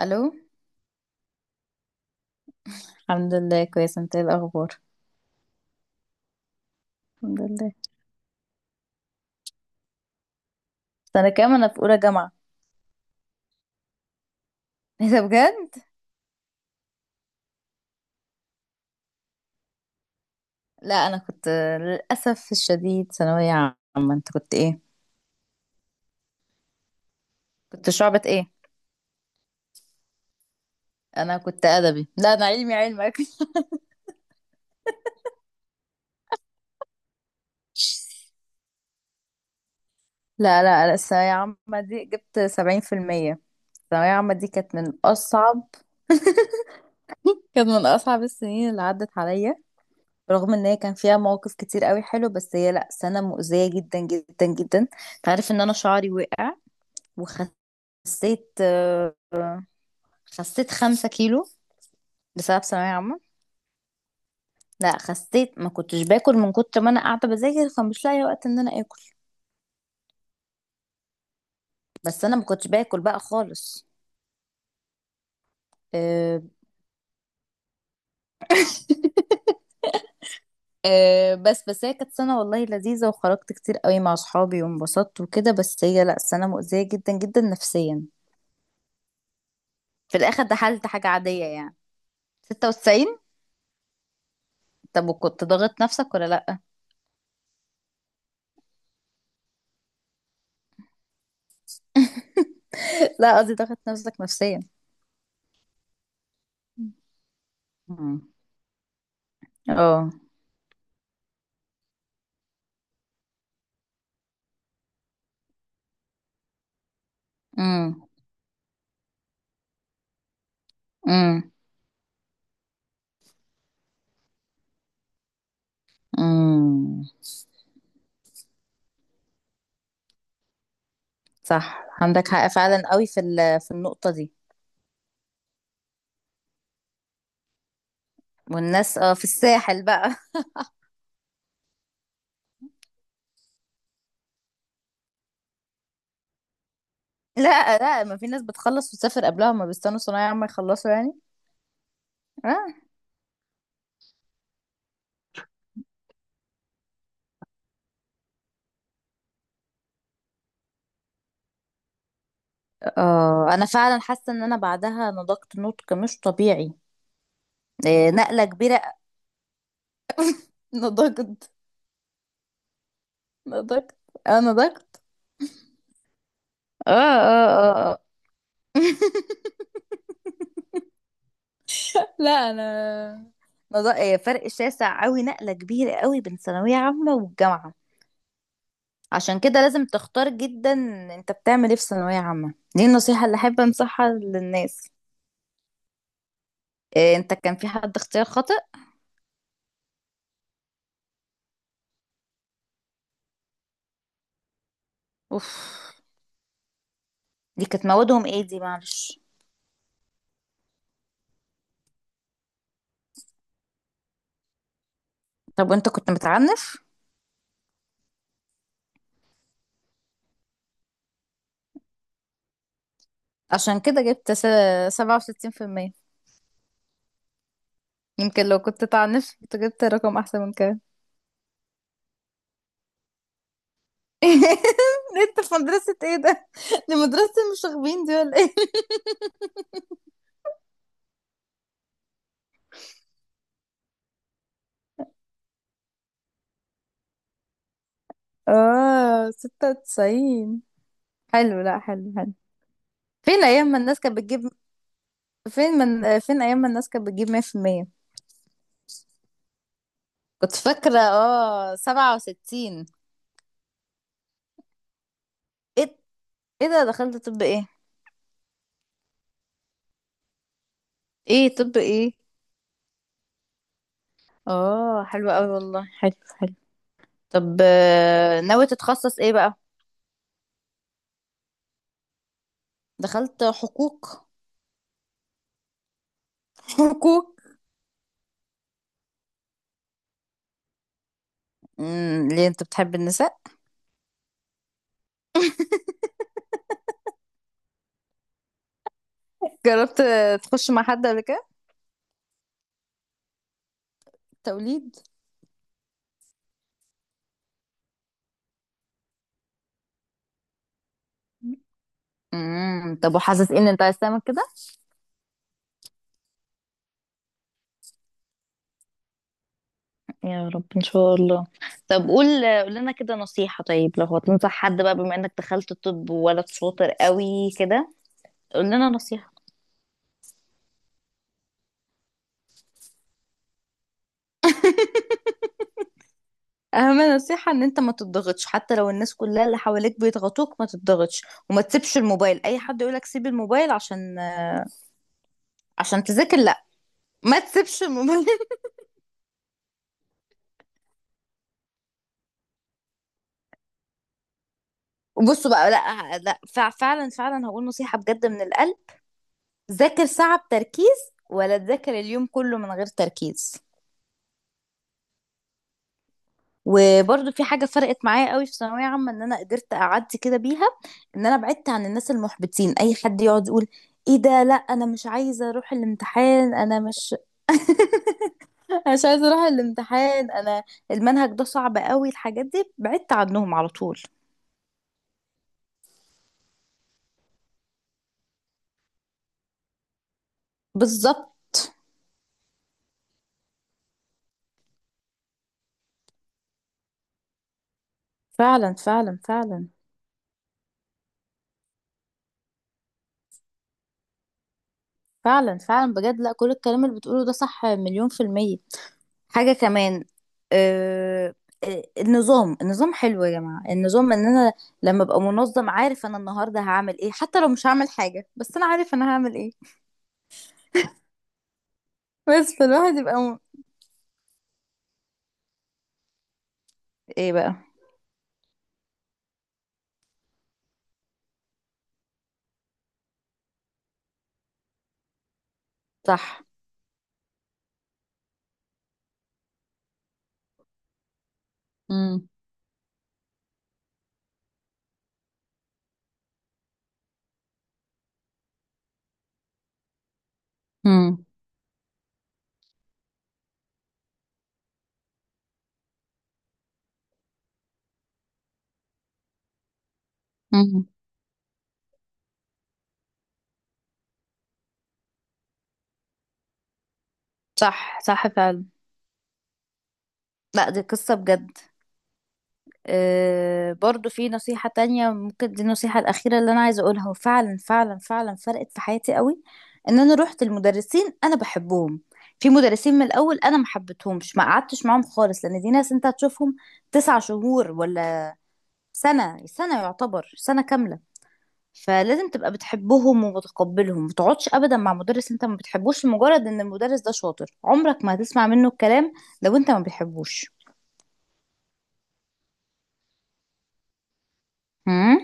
الو. الحمد لله، كويسة. انت ايه الاخبار؟ الحمد لله. سنة كام؟ انا في اولى جامعة. ايه ده بجد؟ لا انا كنت، للاسف الشديد، ثانوية عامة. انت كنت ايه؟ كنت شعبة ايه؟ انا كنت ادبي، لا انا علمي علمك. لا لا لا، الثانوية عامة دي جبت 70%. الثانوية عامة دي كانت من أصعب، كانت من أصعب السنين اللي عدت عليا، رغم ان هي كان فيها مواقف كتير قوي حلو، بس هي لا سنة مؤذية جدا جدا جدا. تعرف ان انا شعري وقع؟ خسيت آه، خسيت 5 كيلو بسبب ثانوية عامة. لا خسيت، ما كنتش باكل من كتر ما انا قاعدة بذاكر، فمش لاقية وقت ان انا اكل. بس انا ما كنتش باكل بقى خالص. أه أه بس بس هي كانت سنة والله لذيذة، وخرجت كتير قوي مع صحابي وانبسطت وكده، بس هي لا سنة مؤذية جدا جدا نفسيا. في الاخر دخلت حاجة عادية يعني. 96؟ طب وكنت ضاغط نفسك ولا لا؟ لا قصدي ضاغط نفسك نفسيا. مم. اه. امم. امم. صح، عندك حق فعلا قوي في في النقطة دي. والناس اه في الساحل بقى. لا لا، ما في ناس بتخلص وتسافر قبلها، ما بيستنوا صنايعي عم يخلصوا يعني. اه. انا فعلا حاسة ان انا بعدها نضجت نضج مش طبيعي. إيه، نقلة كبيرة. نضجت، نضجت. اه، نضجت. اه اه اه، آه. لا انا إيه، فرق شاسع قوي، نقلة كبيرة قوي بين ثانوية عامة والجامعة. عشان كده لازم تختار جدا. انت بتعمل ايه في ثانوية عامة دي النصيحة اللي احب انصحها للناس. إيه، انت كان في حد اختيار خاطئ؟ اوف. دي كانت موادهم ايه دي؟ معلش. طب وانت كنت متعنف؟ عشان كده جبت 67%. يمكن لو كنت تعنف كنت جبت رقم احسن من كده. انت في مدرسة ايه ده؟ دي مدرسة المشاغبين دي ولا ايه؟ اه، 96. حلو، لا حلو، حلو. فين ايام ما الناس كانت بتجيب، فين من فين ايام ما الناس كانت بتجيب 100%؟ كنت فاكرة اه 67. ايه؟ ايه ده، دخلت طب ايه؟ ايه طب ايه؟ اه حلو قوي والله، حلو. حلو. طب ناوي تتخصص ايه بقى؟ دخلت حقوق. حقوق. امم، ليه انت بتحب النساء؟ جربت تخش مع حد قبل كده؟ توليد. امم، طب وحاسس إيه ان انت عايز تعمل كده؟ يا رب ان شاء الله. طب قول، قول لنا كده نصيحة. طيب لو هتنصح حد بقى بما انك دخلت الطب وولد شاطر قوي كده، قول لنا نصيحة. اهم نصيحة ان انت ما تضغطش، حتى لو الناس كلها اللي حواليك بيضغطوك ما تضغطش. وما تسيبش الموبايل، اي حد يقولك سيب الموبايل عشان، عشان تذاكر، لا، ما تسيبش الموبايل. وبصوا بقى، لا لا، فعلا فعلا، هقول نصيحة بجد من القلب. ذاكر ساعة بتركيز ولا تذاكر اليوم كله من غير تركيز. وبرضو في حاجة فرقت معايا قوي في ثانوية عامة ان انا قدرت اعدي كده بيها، ان انا بعدت عن الناس المحبطين. اي حد يقعد يقول ايه ده، لا انا مش عايزة اروح الامتحان، انا مش، أنا مش عايزة اروح الامتحان، انا المنهج ده صعب قوي، الحاجات دي بعدت عنهم على طول. بالظبط. فعلا فعلا فعلا. فعلا فعلا بجد، لا كل الكلام اللي بتقوله ده صح مليون%. حاجة كمان، آه، النظام، النظام حلو يا جماعة. النظام ان انا لما ابقى منظم عارف انا النهاردة هعمل ايه، حتى لو مش هعمل حاجة بس انا عارف انا هعمل ايه. بس ايه بقى؟ صح. امم. امم. صح صح فعلا. لا دي قصة بجد. برضو في نصيحة تانية، ممكن دي النصيحة الأخيرة اللي أنا عايزة أقولها، وفعلا فعلا فعلا فرقت في حياتي قوي. إن أنا روحت المدرسين أنا بحبهم. في مدرسين من الأول أنا ما حبيتهمش، ما قعدتش معاهم خالص، لأن دي ناس أنت هتشوفهم 9 شهور ولا سنة، سنة يعتبر سنة كاملة. فلازم تبقى بتحبهم ومتقبلهم. ما تقعدش أبدا مع مدرس أنت ما بتحبوش لمجرد إن المدرس ده شاطر، عمرك ما هتسمع منه الكلام لو أنت ما بتحبوش. هم؟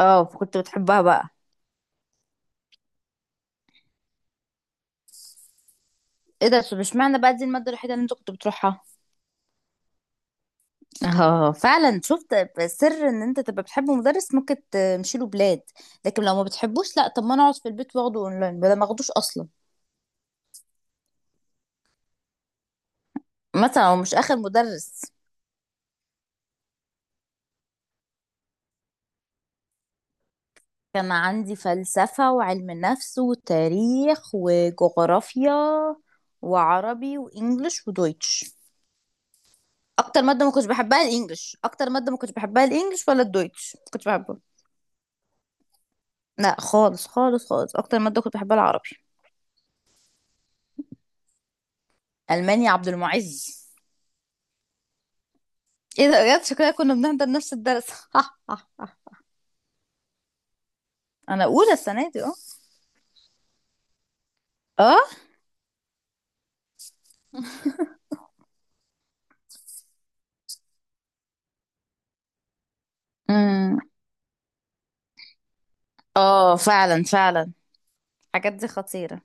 اه كنت بتحبها بقى؟ ايه ده، طب اشمعنى بقى دي المادة الوحيدة اللي انت كنت بتروحها؟ اه، فعلا. شفت، سر ان انت تبقى بتحب مدرس ممكن تمشي له بلاد، لكن لو ما بتحبوش لا. طب ما انا اقعد في البيت واخده اونلاين بدل ما اخدوش اصلا. مثلا هو مش اخر مدرس. كان عندي فلسفة وعلم نفس وتاريخ وجغرافيا وعربي وانجليش ودويتش. اكتر مادة ما كنتش بحبها الانجليش، اكتر مادة ما كنتش بحبها الانجليش ولا الدويتش ما كنتش بحبها. لا خالص خالص خالص، اكتر مادة كنت بحبها العربي. المانيا عبد المعز. ايه ده بجد، شكلها كنا بنحضر نفس الدرس. انا اولى السنه دي اه. اه. امم. اه فعلا فعلا. الحاجات دي خطيره.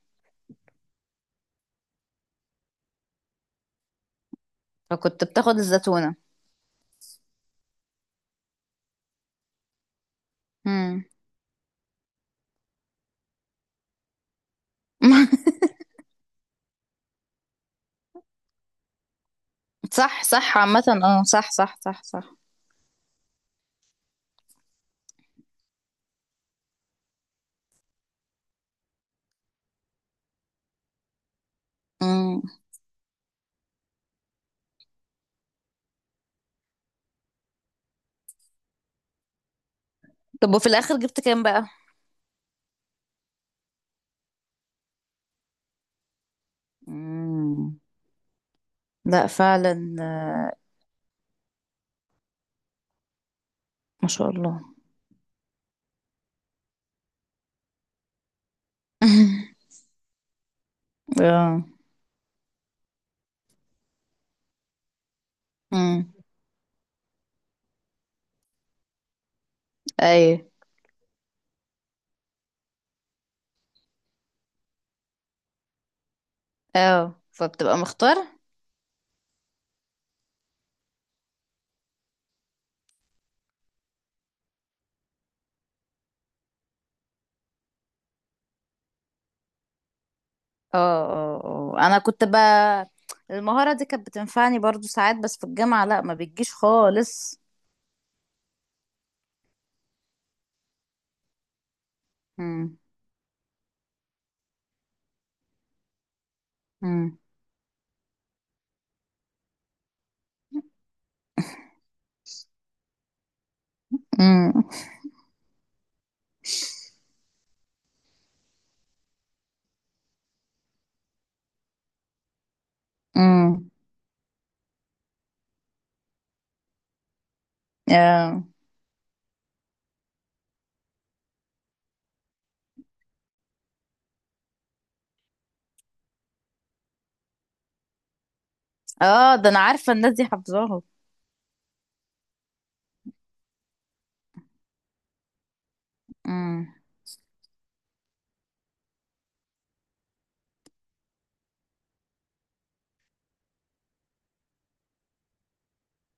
فكنت بتاخد الزتونه. امم. صح صح عامه، اه صح صح صح صح. امم، طب وفي الاخر جبت كام بقى؟ امم، لا فعلا. ما شاء الله. اه. امم. ايوه. اه فبتبقى مختار. اه. اه. اه انا كنت بقى، المهارة دي كانت بتنفعني برضو ساعات بس في الجامعة لا ما بتجيش خالص. امم. امم. امم. امم. اه، ده انا عارفة الناس دي حافظاها. امم.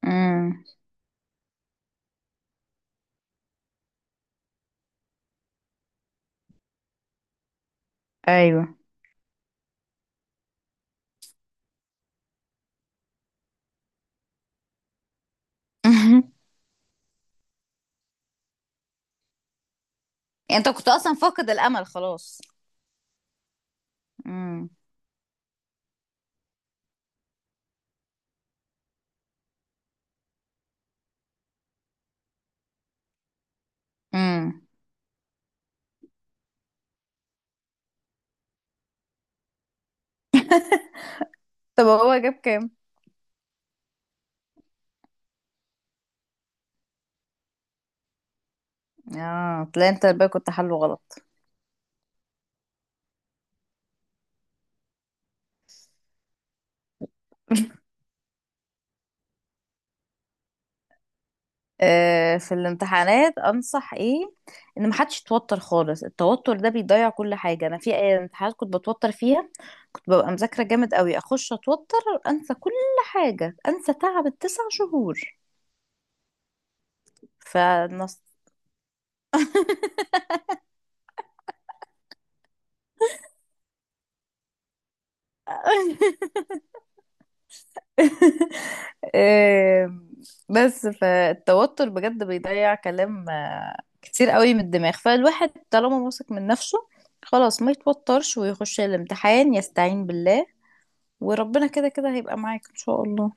امم. ايوه. انت كنت اصلا فاقد الامل خلاص. امم. امم. طب هو جاب كام؟ اه تلاقي انت بقى كنت حله غلط. في الامتحانات انصح ايه؟ ان محدش يتوتر خالص، التوتر ده بيضيع كل حاجه. انا في امتحانات كنت بتوتر فيها، كنت ببقى مذاكره جامد قوي اخش اتوتر، انسى كل حاجه، انسى تعب الـ9 شهور. فنص. آه، بس فالتوتر بجد بيضيع كلام كتير قوي من الدماغ. فالواحد طالما واثق من نفسه خلاص، ما يتوترش ويخش الامتحان يستعين بالله، وربنا كده كده هيبقى معاك ان شاء الله.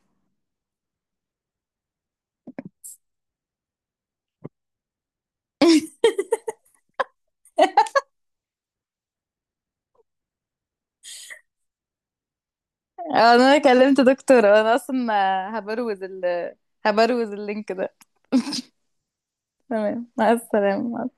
انا كلمت دكتور انا اصلا. هبروز ال هبروز اللينك ده. تمام، مع السلامة.